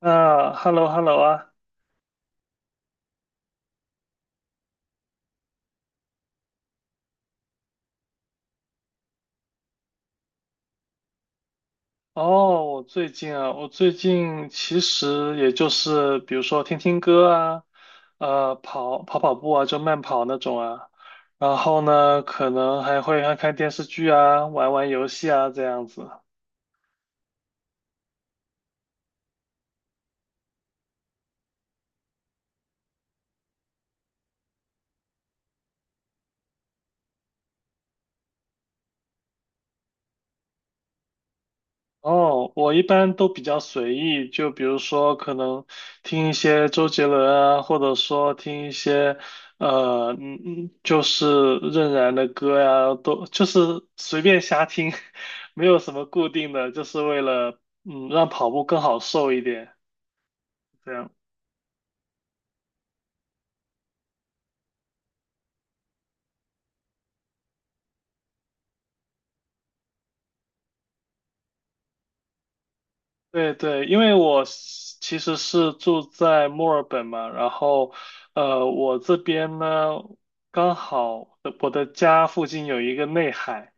啊，hello hello 啊，哦，我最近啊，我最近其实也就是比如说听听歌啊，跑跑步啊，就慢跑那种啊，然后呢，可能还会看看电视剧啊，玩玩游戏啊，这样子。哦，我一般都比较随意，就比如说可能听一些周杰伦啊，或者说听一些就是任然的歌呀，都就是随便瞎听，没有什么固定的，就是为了让跑步更好受一点，这样。对对，因为我是其实是住在墨尔本嘛，然后，我这边呢，刚好我的家附近有一个内海，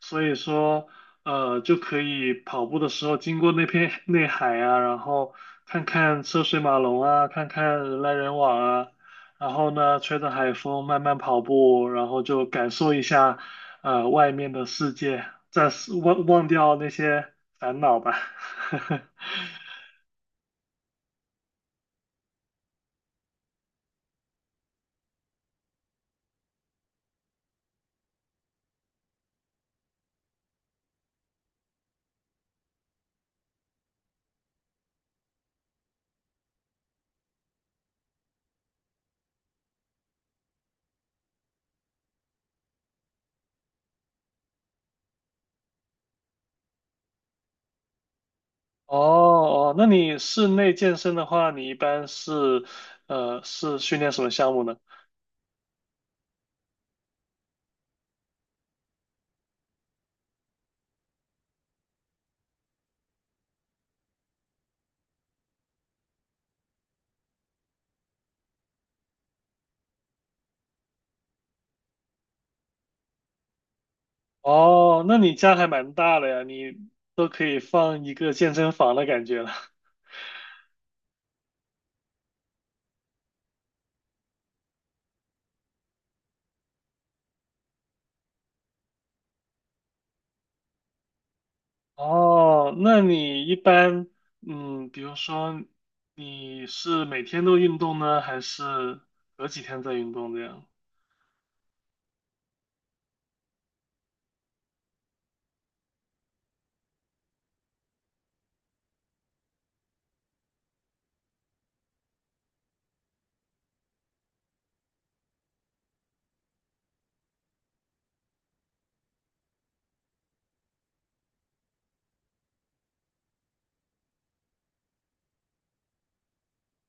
所以说，就可以跑步的时候经过那片内海啊，然后看看车水马龙啊，看看人来人往啊，然后呢，吹着海风慢慢跑步，然后就感受一下，外面的世界，暂时忘掉那些烦恼吧。哦哦，那你室内健身的话，你一般是是训练什么项目呢？哦，那你家还蛮大的呀，你都可以放一个健身房的感觉了。哦，那你一般比如说你是每天都运动呢，还是隔几天再运动这样？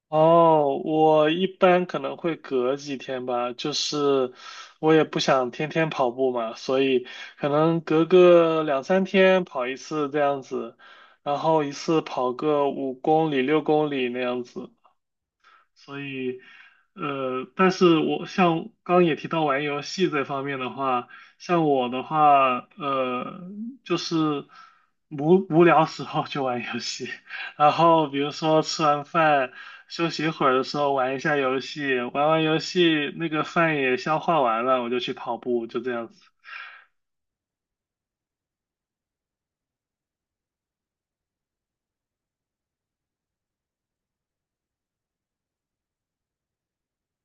哦，我一般可能会隔几天吧，就是我也不想天天跑步嘛，所以可能隔个两三天跑一次这样子，然后一次跑个五公里、六公里那样子。所以，但是我像刚刚也提到玩游戏这方面的话，像我的话，就是无聊时候就玩游戏，然后比如说吃完饭休息一会儿的时候玩一下游戏，玩完游戏那个饭也消化完了，我就去跑步，就这样子。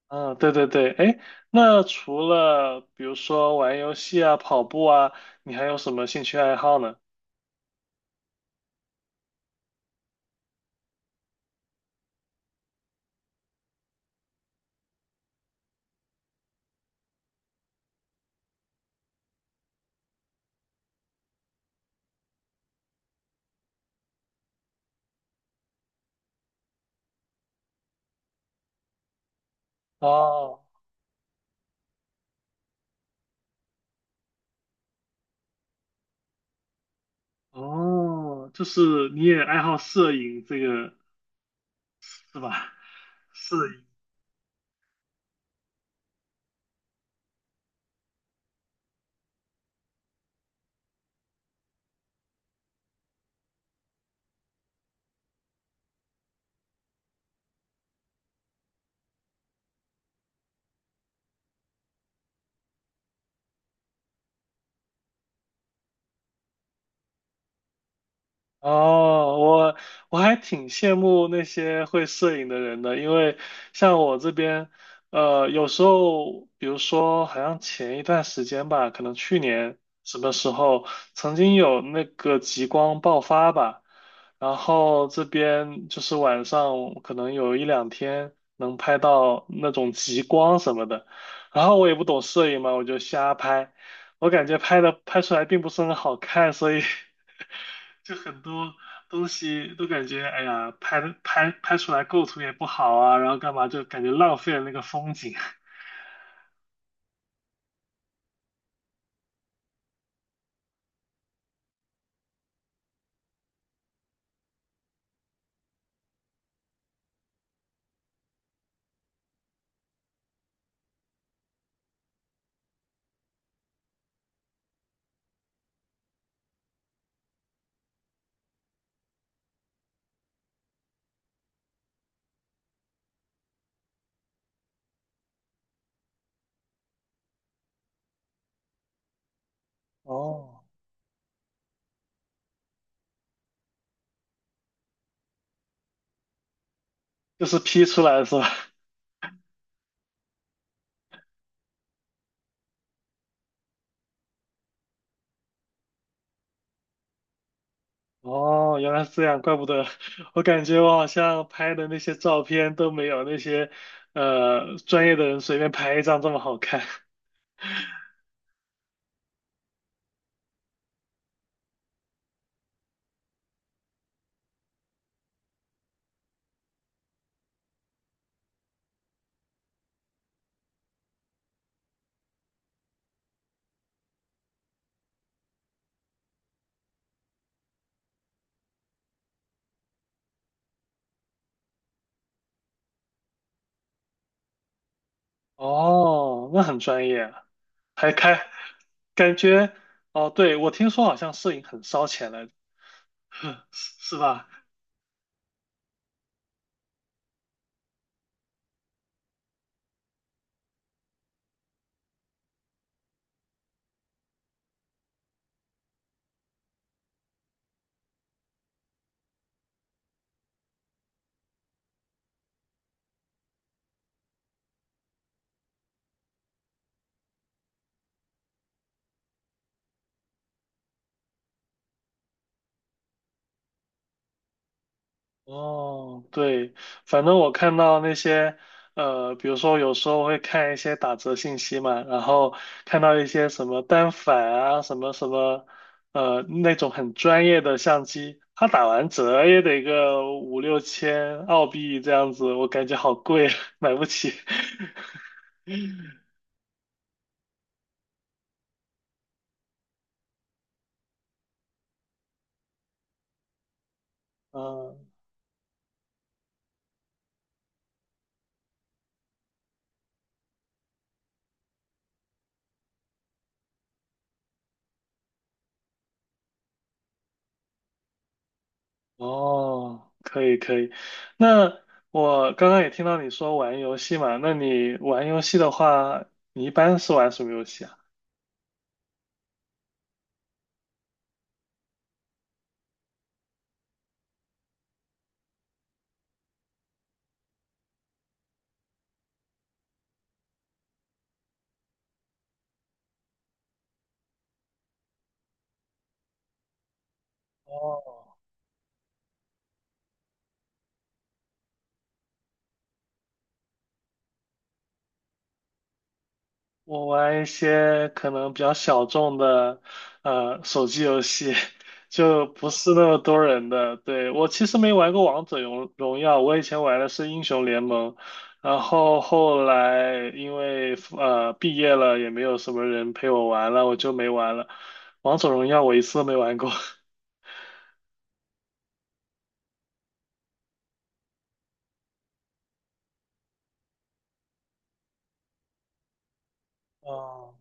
嗯，对对对，哎，那除了比如说玩游戏啊、跑步啊，你还有什么兴趣爱好呢？哦。哦，就是你也爱好摄影这个是吧？摄影。哦，我还挺羡慕那些会摄影的人的，因为像我这边，有时候，比如说，好像前一段时间吧，可能去年什么时候，曾经有那个极光爆发吧，然后这边就是晚上可能有一两天能拍到那种极光什么的，然后我也不懂摄影嘛，我就瞎拍。我感觉拍出来并不是很好看，所以 就很多东西都感觉，哎呀，拍的拍拍出来构图也不好啊，然后干嘛就感觉浪费了那个风景。哦，就是 P 出来是吧？哦，原来是这样，怪不得我感觉我好像拍的那些照片都没有那些专业的人随便拍一张这么好看。哦，那很专业啊，还开，感觉，哦，对，我听说好像摄影很烧钱来着，是吧？哦，对，反正我看到那些，比如说有时候会看一些打折信息嘛，然后看到一些什么单反啊，什么什么，那种很专业的相机，它打完折也得个五六千澳币这样子，我感觉好贵，买不起。嗯，哦，可以可以。那我刚刚也听到你说玩游戏嘛，那你玩游戏的话，你一般是玩什么游戏啊？哦，我玩一些可能比较小众的，手机游戏，就不是那么多人的。对，我其实没玩过王者荣耀，我以前玩的是英雄联盟，然后后来因为毕业了，也没有什么人陪我玩了，我就没玩了。王者荣耀我一次都没玩过。哦，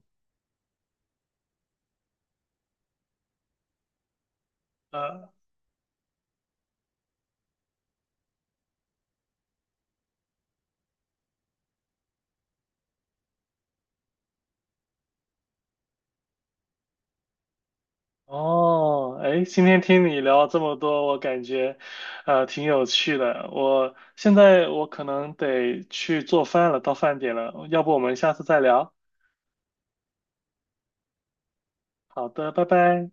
呃。哦，哎，今天听你聊这么多，我感觉，挺有趣的。我现在我可能得去做饭了，到饭点了，要不我们下次再聊？好的，拜拜。